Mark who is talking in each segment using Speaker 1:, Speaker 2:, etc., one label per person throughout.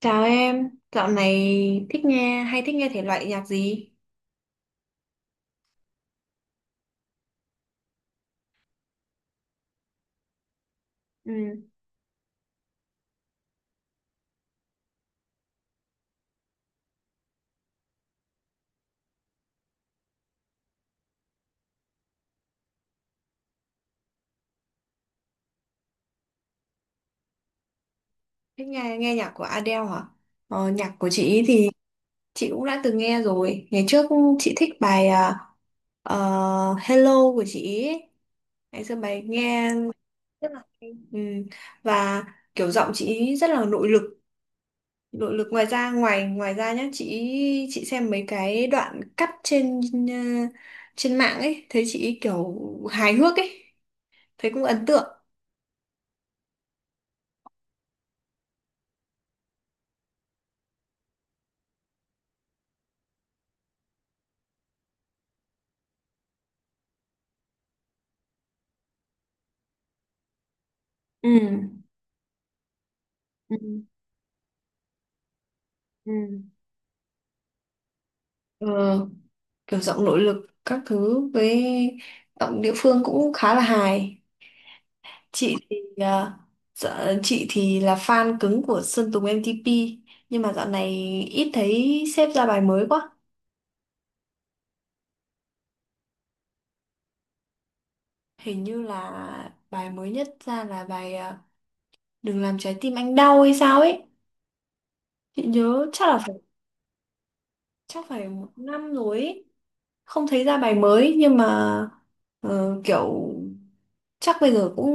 Speaker 1: Chào em, dạo này thích nghe hay thích nghe thể loại nhạc gì? Ừ, thích nghe nghe nhạc của Adele hả? Nhạc của chị ý thì chị cũng đã từng nghe rồi. Ngày trước chị thích bài ờ, Hello của chị ý. Ngày xưa bài nghe rất là hay. Ừ, và kiểu giọng chị ý rất là nội lực. Nội lực ngoài ra ngoài ngoài ra nhá, chị xem mấy cái đoạn cắt trên ờ, trên mạng ấy, thấy chị ý kiểu hài hước ấy, thấy cũng ấn tượng. ừ ừ ừ Ờ, Kiểu giọng nội lực các thứ với giọng địa phương cũng khá là hài. Chị thì à, chị thì là fan cứng của Sơn Tùng M-TP, nhưng mà dạo này ít thấy sếp ra bài mới quá. Hình như là bài mới nhất ra là bài Đừng làm trái tim anh đau hay sao ấy, chị nhớ chắc là phải chắc phải một năm rồi ấy. Không thấy ra bài mới nhưng mà kiểu chắc bây giờ cũng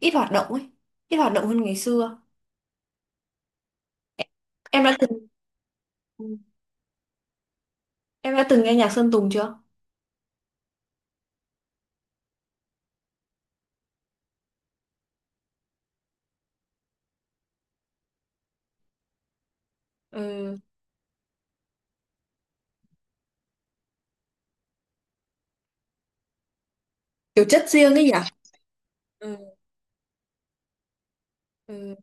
Speaker 1: ít hoạt động ấy, ít hoạt động hơn ngày xưa. em đã từng em đã từng nghe nhạc Sơn Tùng chưa? ừ. Kiểu chất riêng ấy nhỉ. ừ. ừ.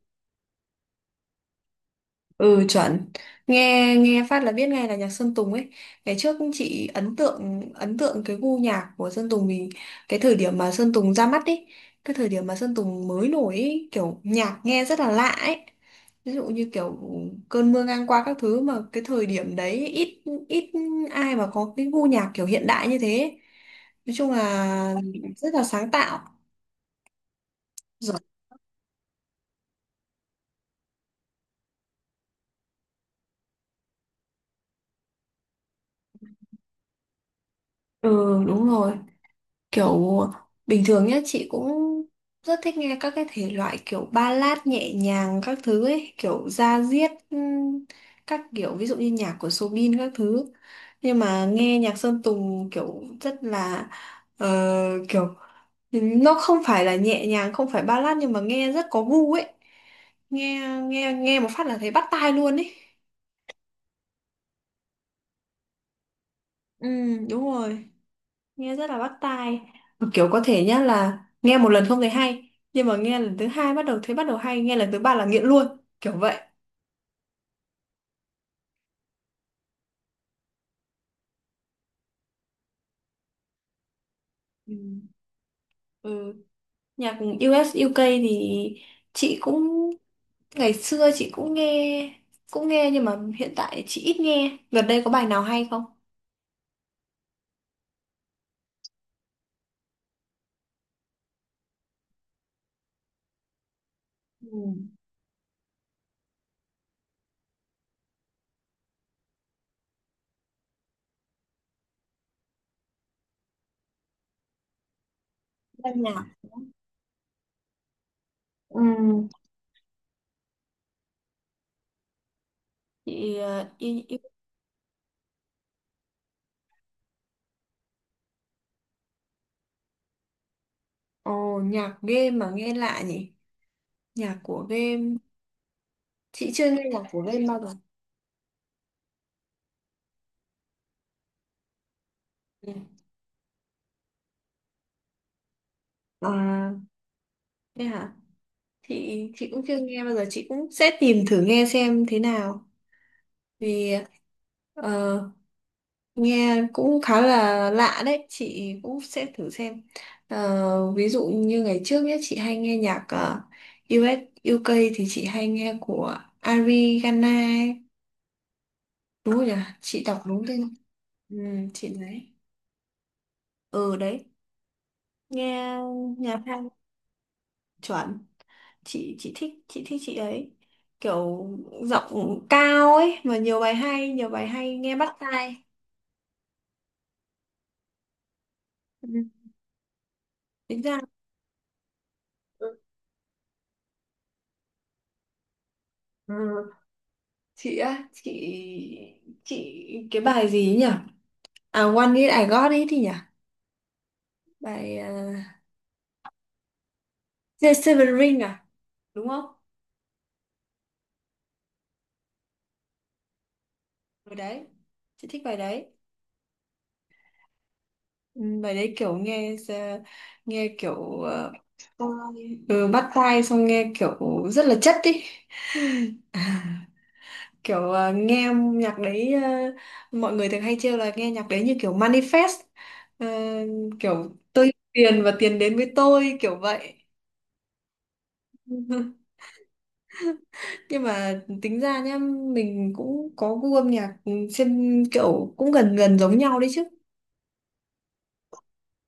Speaker 1: Ừ, chuẩn, nghe nghe phát là biết ngay là nhạc Sơn Tùng ấy. Ngày trước chị ấn tượng cái gu nhạc của Sơn Tùng vì cái thời điểm mà Sơn Tùng ra mắt ấy cái thời điểm mà Sơn Tùng mới nổi ấy, kiểu nhạc nghe rất là lạ ấy. Ví dụ như kiểu cơn mưa ngang qua các thứ mà cái thời điểm đấy ít ít ai mà có cái gu nhạc kiểu hiện đại như thế ấy. Nói chung là rất là sáng tạo. Giỏi. Ừ đúng rồi. Kiểu bình thường nhá chị cũng rất thích nghe các cái thể loại kiểu ballad nhẹ nhàng các thứ ấy, kiểu da diết các kiểu ví dụ như nhạc của Soobin các thứ. Nhưng mà nghe nhạc Sơn Tùng kiểu rất là ờ, kiểu nó không phải là nhẹ nhàng, không phải ballad nhưng mà nghe rất có gu ấy. Nghe nghe Nghe một phát là thấy bắt tai luôn ấy. Ừ đúng rồi. Nghe rất là bắt tai. Mà kiểu có thể nhá là nghe một lần không thấy hay nhưng mà nghe lần thứ hai bắt đầu thấy bắt đầu hay, nghe lần thứ ba là nghiện luôn, kiểu vậy. Ừ. ừ. Nhạc US UK thì chị cũng ngày xưa chị cũng nghe, cũng nghe nhưng mà hiện tại chị ít nghe. Gần đây có bài nào hay không? Ừ. Ban nhạc. Ừ. chị ờ, y, y... Ồ, nhạc game mà nghe lạ nhỉ, nhạc của game, chị chưa nghe nhạc của game bao giờ. ừ. À thế hả, chị cũng chưa nghe bao giờ, chị cũng sẽ tìm thử nghe xem thế nào vì ờ, nghe cũng khá là lạ đấy, chị cũng sẽ thử xem. Ờ, ví dụ như ngày trước nhé chị hay nghe nhạc US UK thì chị hay nghe của Ariana ấy. Đúng rồi nhỉ, chị đọc đúng tên. ừ, chị đấy. Ừ đấy, nghe nhạc hay, chuẩn. Chị thích chị ấy, kiểu giọng cao ấy mà nhiều bài hay, nghe bắt tai. Ừ. Tính ra ừ, Ừ. chị á, chị cái bài gì ấy nhỉ? À, One It I Got It thì nhỉ, bài The Seven Ring à, đúng không? Bài đấy, chị thích bài đấy. Ừ, bài đấy kiểu nghe kiểu bắt tai xong nghe kiểu rất là chất ý. kiểu ờ, nghe Nhạc đấy mọi người thường hay trêu là nghe nhạc đấy như kiểu manifest. Ờ, kiểu tôi yêu tiền và tiền đến với tôi, kiểu vậy. Nhưng mà tính ra nhá, mình cũng có gu âm nhạc trên kiểu cũng gần gần giống nhau đấy chứ.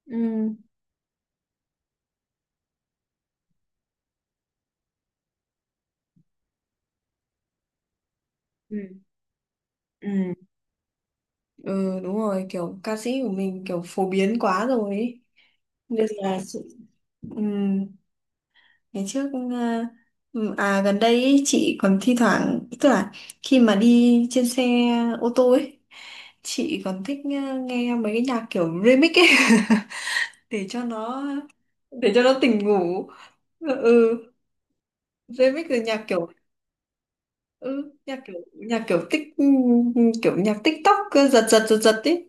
Speaker 1: ừ ừ ừ ừ đúng rồi, kiểu ca sĩ của mình kiểu phổ biến quá rồi ấy. Nên là sự-, ừ. Ngày trước ờ, à gần đây ý, chị còn thi thoảng tức là khi mà đi trên xe ô tô ấy, chị còn thích nghe mấy cái nhạc kiểu remix ấy để cho nó, để cho nó tỉnh ngủ. ừ ừ, Remix rồi nhạc kiểu ừ nhạc kiểu nhạc kiểu tích kiểu nhạc TikTok cứ giật giật ấy,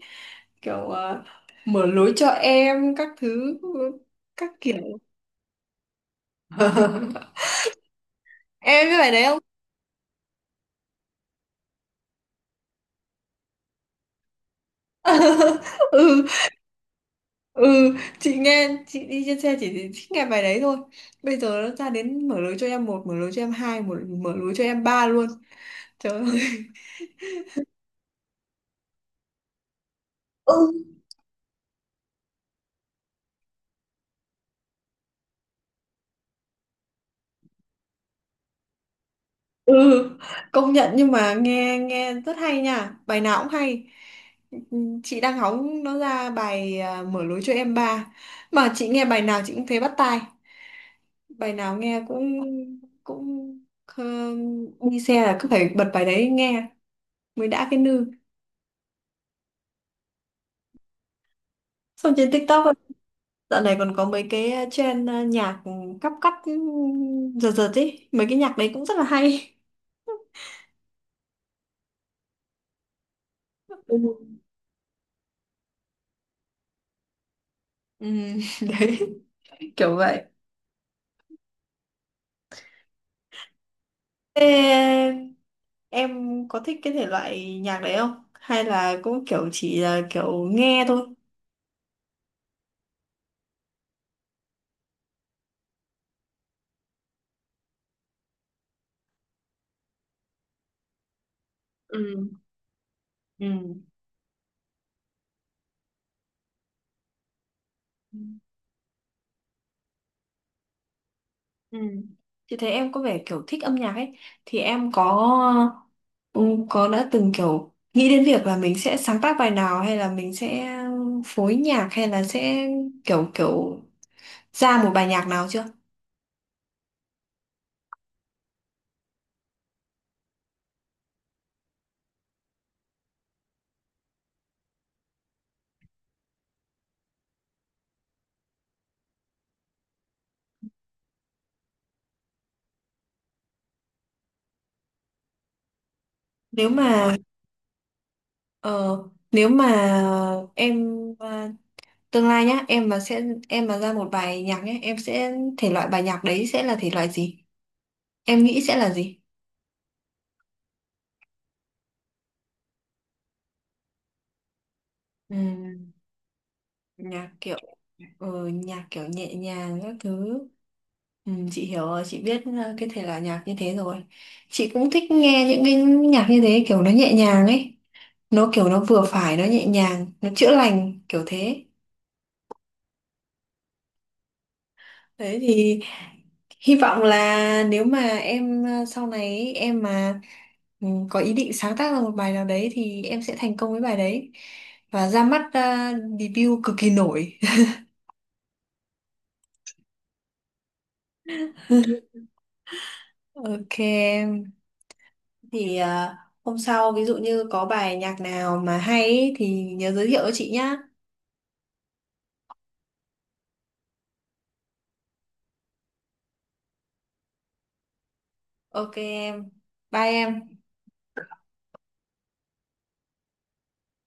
Speaker 1: kiểu mở lối cho em các thứ, các kiểu. Em biết bài đấy không? ừ ừ chị nghe, chị đi trên xe chỉ thích nghe bài đấy thôi. Bây giờ nó ra đến mở lối cho em một, mở lối cho em hai, mở lối cho em ba luôn, trời ơi. ừ ừ Công nhận, nhưng mà nghe nghe rất hay nha, bài nào cũng hay. Ừ, chị đang hóng nó ra bài mở lối cho em ba. Mà chị nghe bài nào chị cũng thấy bắt tai, bài nào nghe cũng cũng ờ, đi xe là cứ phải bật bài đấy nghe mới đã cái nư. Xong trên TikTok ấy, dạo này còn có mấy cái trend nhạc cắp cắt, giật giật ấy. Mấy cái nhạc đấy cũng rất là hay. Ừ. Ừ, đấy, kiểu vậy. Thế em có thích cái thể loại nhạc đấy không? Hay là cũng kiểu chỉ là kiểu nghe thôi? Ừ. Ừ. Ừ. Chị thấy em có vẻ kiểu thích âm nhạc ấy. Thì em có Ừ, có đã từng kiểu nghĩ đến việc là mình sẽ sáng tác bài nào hay là mình sẽ phối nhạc, hay là sẽ kiểu kiểu ra một bài nhạc nào chưa? Nếu mà ờ, Nếu mà em à, tương lai nhá, em mà sẽ em mà ra một bài nhạc nhé, em sẽ, thể loại bài nhạc đấy sẽ là thể loại gì? Em nghĩ sẽ là gì? Ừ. Nhạc kiểu nhạc kiểu nhẹ nhàng các thứ. Chị hiểu rồi, chị biết cái thể loại nhạc như thế rồi. Chị cũng thích nghe những cái nhạc như thế, kiểu nó nhẹ nhàng ấy, nó kiểu nó vừa phải, nó nhẹ nhàng, nó chữa lành kiểu thế. Đấy thì hy vọng là nếu mà em sau này ấy, em mà có ý định sáng tác ra một bài nào đấy thì em sẽ thành công với bài đấy và ra mắt, debut cực kỳ nổi. Ok em, thì à, hôm sau ví dụ như có bài nhạc nào mà hay ý thì nhớ giới thiệu cho chị nhá. Ok em, bye em.